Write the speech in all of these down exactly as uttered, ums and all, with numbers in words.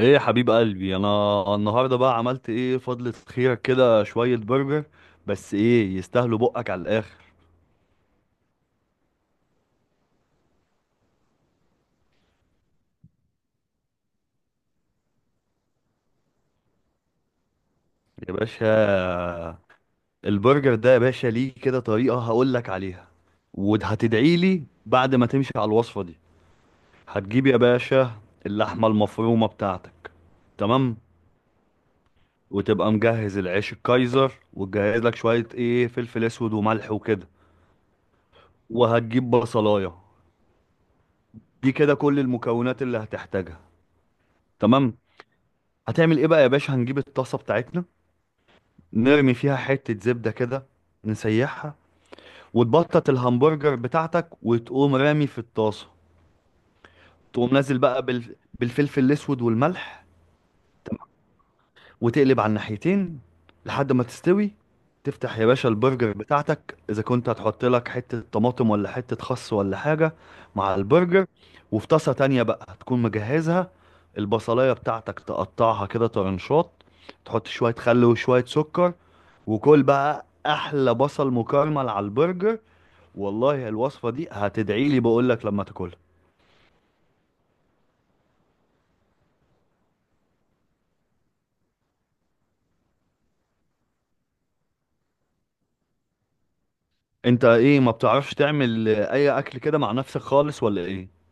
ايه يا حبيب قلبي، انا النهارده بقى عملت ايه؟ فضلة خيرك كده شوية برجر. بس ايه، يستاهلوا بقك على الاخر. يا باشا، البرجر ده يا باشا ليه كده طريقة هقول لك عليها وهتدعي لي بعد ما تمشي على الوصفة دي. هتجيب يا باشا اللحمة المفرومة بتاعتك. تمام. وتبقى مجهز العيش الكايزر وتجهز لك شوية ايه، فلفل اسود وملح وكده. وهتجيب بصلاية. دي كده كل المكونات اللي هتحتاجها. تمام. هتعمل ايه بقى يا باشا؟ هنجيب الطاسه بتاعتنا، نرمي فيها حته زبده كده، نسيحها، وتبطط الهمبرجر بتاعتك وتقوم رامي في الطاسه. تقوم نازل بقى بال... بالفلفل الاسود والملح. تمام. وتقلب على الناحيتين لحد ما تستوي. تفتح يا باشا البرجر بتاعتك اذا كنت هتحط لك حته طماطم ولا حته خس ولا حاجه مع البرجر. وفي طاسه تانية بقى هتكون مجهزها البصلايه بتاعتك، تقطعها كده طرنشات، تحط شويه خل وشويه سكر. وكل بقى احلى بصل مكرمل على البرجر. والله الوصفه دي هتدعي لي بقول لك لما تاكلها. انت ايه، ما بتعرفش تعمل اي اكل كده مع نفسك خالص ولا ايه؟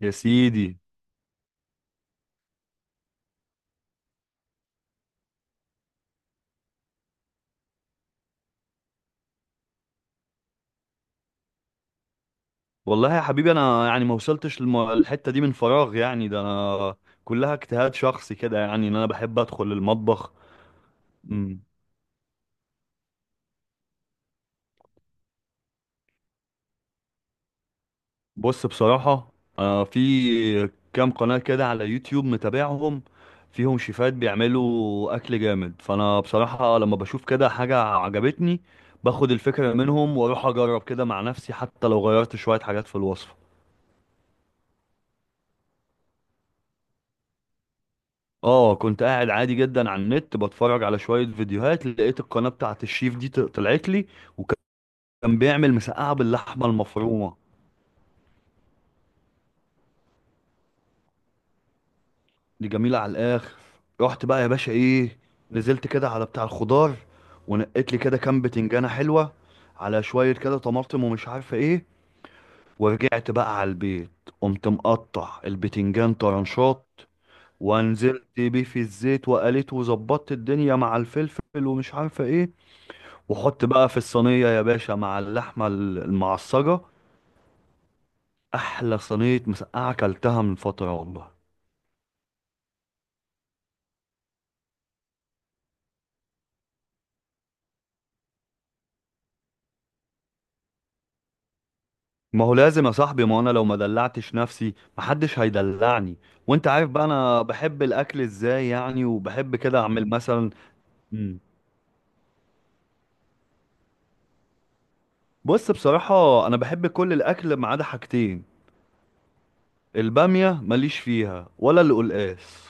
يا سيدي. والله يا حبيبي انا يعني ما وصلتش للحته دي من فراغ يعني، ده انا كلها اجتهاد شخصي كده يعني، ان انا بحب ادخل المطبخ. مم. بص بصراحة، أنا في كام قناة كده على يوتيوب متابعهم، فيهم شيفات بيعملوا أكل جامد. فأنا بصراحة لما بشوف كده حاجة عجبتني باخد الفكرة منهم وأروح أجرب كده مع نفسي، حتى لو غيرت شوية حاجات في الوصفة. اه، كنت قاعد عادي جدا على النت بتفرج على شوية فيديوهات، لقيت القناة بتاعت الشيف دي ط- طلعت لي، وكان بيعمل مسقعة باللحمة المفرومة. دي جميلة على الآخر. رحت بقى يا باشا إيه، نزلت كده على بتاع الخضار ونقيت لي كده كام بتنجانة حلوة على شوية كده طماطم ومش عارفة إيه، ورجعت بقى على البيت، قمت مقطع البتنجان طرنشات ونزلت بيه في الزيت وقليت وظبطت الدنيا مع الفلفل ومش عارفة إيه، وحط بقى في الصينية يا باشا مع اللحمة المعصجة. أحلى صينية مسقعة أكلتها من فترة والله. ما هو لازم يا صاحبي، ما انا لو ما دلعتش نفسي محدش هيدلعني. وانت عارف بقى انا بحب الاكل ازاي يعني، وبحب كده اعمل مثلا. مم. بص بصراحة، انا بحب كل الاكل ما عدا حاجتين، البامية ماليش فيها ولا القلقاس.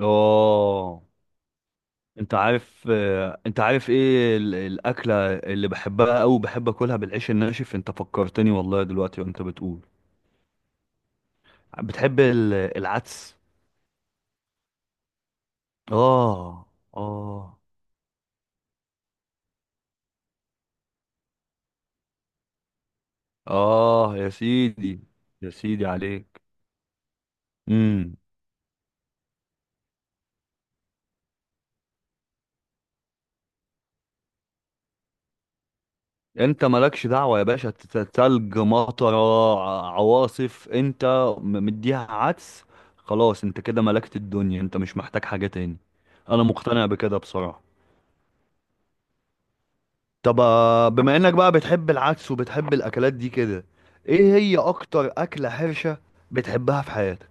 اه. انت عارف، آه، انت عارف ايه ال- الاكلة اللي بحبها اوي؟ بحب اكلها بالعيش الناشف. انت فكرتني والله دلوقتي وانت بتقول. بتحب ال- العدس؟ اه. اه. اه. يا سيدي. يا سيدي عليك. امم. انت مالكش دعوة يا باشا، تت- تلج مطر عواصف، انت م- مديها عدس خلاص. انت كده ملكت الدنيا، انت مش محتاج حاجة تاني. انا مقتنع بكده بصراحة. طب آه، بما انك بقى بتحب العدس وبتحب الاكلات دي كده، ايه هي اكتر اكلة حرشة بتحبها في حياتك؟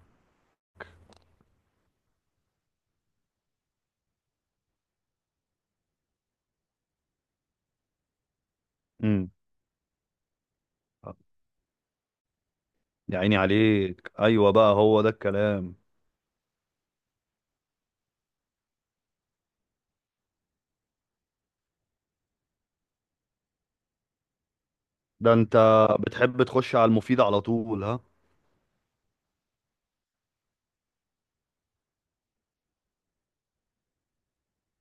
امم. يا عيني عليك، ايوه بقى، هو ده الكلام. ده انت بتحب تخش على المفيد على طول ها.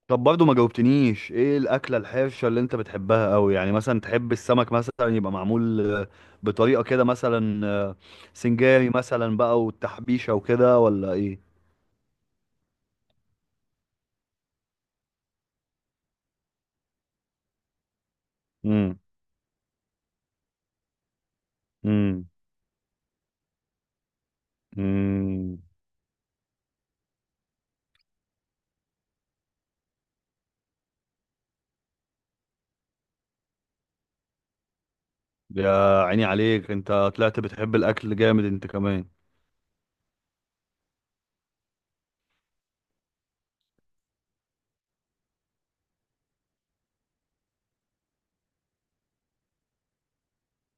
طب برضو ما جاوبتنيش، ايه الاكله الحرشه اللي انت بتحبها قوي يعني؟ مثلا تحب السمك مثلا يبقى معمول آه، بطريقه كده مثلا، آه، سنجاري مثلا بقى والتحبيشه وكده، ولا ايه؟ امم. امم. امم. يا عيني عليك، انت طلعت بتحب الاكل جامد انت كمان.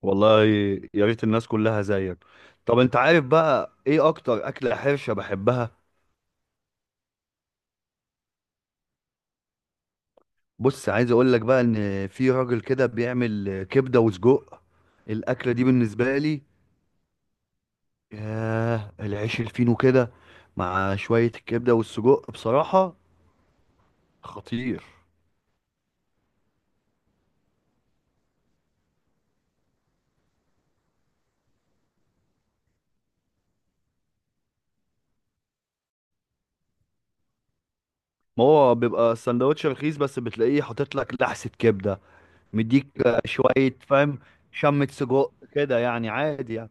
والله يا ريت الناس كلها زيك. طب انت عارف بقى ايه اكتر اكله حرشه بحبها؟ بص عايز اقول لك بقى، ان في راجل كده بيعمل كبده وسجق. الاكله دي بالنسبه لي، ياه، العيش الفينو كده مع شوية الكبدة والسجق بصراحة، خطير. ما هو بيبقى سندوتش رخيص بس بتلاقيه حاطط لك لحسة كبدة، مديك آه، شوية فاهم، شمة سجق كده يعني، عادي يعني.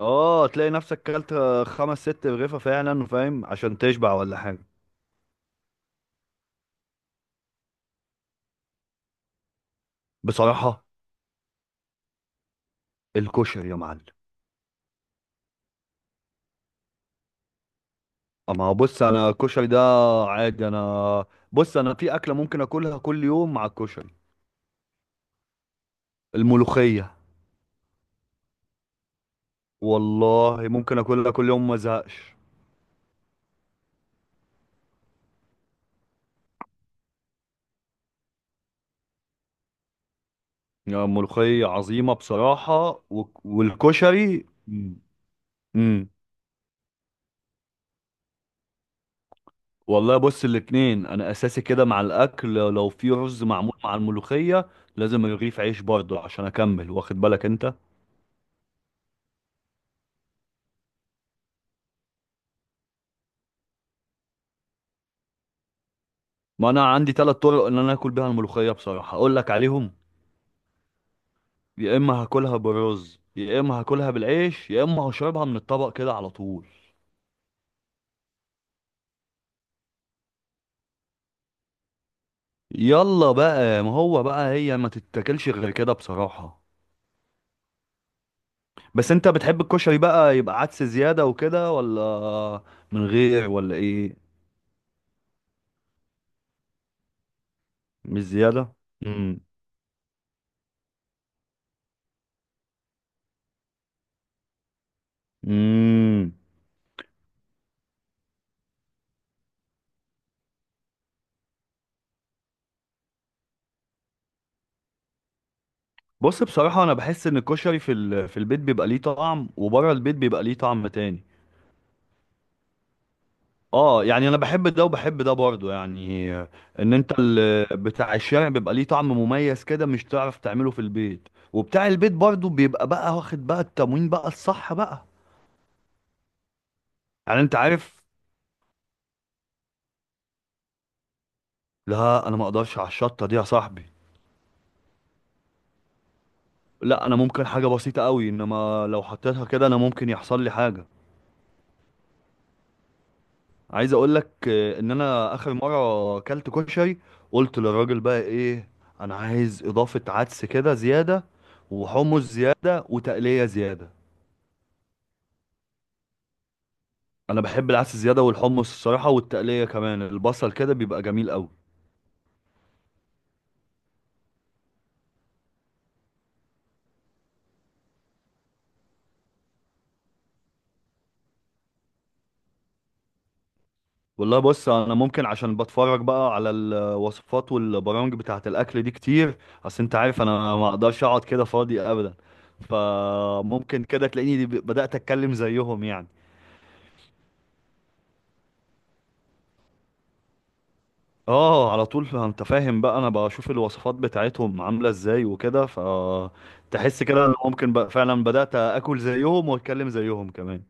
اه، تلاقي نفسك كلت آه، خمس ست رغيفة فعلا فاهم، عشان تشبع ولا حاجة. بصراحة، الكشري يا معلم. اما بص، انا الكشري ده عادي انا. بص انا في اكلة ممكن اكلها كل يوم مع الكشري، الملوخية. والله ممكن اكلها كل يوم ما ازهقش. يعني ملوخية عظيمة بصراحة و... والكشري. امم. والله بص، الاتنين انا اساسي كده مع الاكل. لو في رز معمول مع الملوخية لازم رغيف عيش برضه عشان اكمل، واخد بالك انت. ما انا عندي ثلاث طرق ان انا اكل بيها الملوخية بصراحة، اقول لك عليهم. يا اما هاكلها بالرز، يا اما هاكلها بالعيش، يا اما هشربها من الطبق كده على طول. يلا بقى، ما هو بقى هي ما تتاكلش غير كده بصراحة. بس انت بتحب الكشري بقى يبقى عدس زيادة وكده، ولا من غير، ولا ايه؟ مش زيادة. امم. امم. بص بصراحة، انا بحس ان الكشري في ال... في البيت بيبقى ليه طعم، وبره البيت بيبقى ليه طعم تاني. اه، يعني انا بحب ده وبحب ده برضه يعني. ان انت ال... بتاع الشارع بيبقى ليه طعم مميز كده مش تعرف تعمله في البيت، وبتاع البيت برضه بيبقى بقى واخد بقى التموين بقى الصح بقى. يعني انت عارف. لا انا ما اقدرش على الشطة دي يا صاحبي. لا انا ممكن حاجه بسيطه قوي، انما لو حطيتها كده انا ممكن يحصل لي حاجه. عايز اقول لك آه، ان انا اخر مره اكلت كشري قلت للراجل بقى ايه، انا عايز اضافه عدس كده زياده وحمص زياده وتقليه زياده. انا بحب العدس زياده والحمص الصراحه والتقليه كمان البصل كده بيبقى جميل قوي. والله بص، انا ممكن عشان بتفرج بقى على الوصفات والبرامج بتاعه الاكل دي كتير. اصل انت عارف انا ما اقدرش اقعد كده فاضي ابدا، فممكن كده تلاقيني ب- بدات اتكلم زيهم يعني. اه، على طول، انت فاهم بقى، انا بشوف الوصفات بتاعتهم عامله ازاي وكده، فتحس كده ان ممكن بقى فعلا بدات اكل زيهم واتكلم زيهم كمان.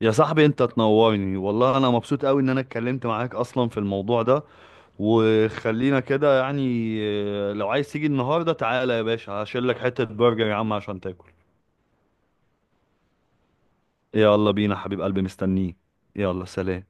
يا صاحبي انت تنورني والله، انا مبسوط قوي ان انا اتكلمت معاك اصلا في الموضوع ده. وخلينا كده يعني، آه، لو عايز تيجي النهارده تعالى يا باشا هشيل لك حتة برجر يا عم عشان تاكل. يلا بينا حبيب قلبي مستنيك. يلا سلام.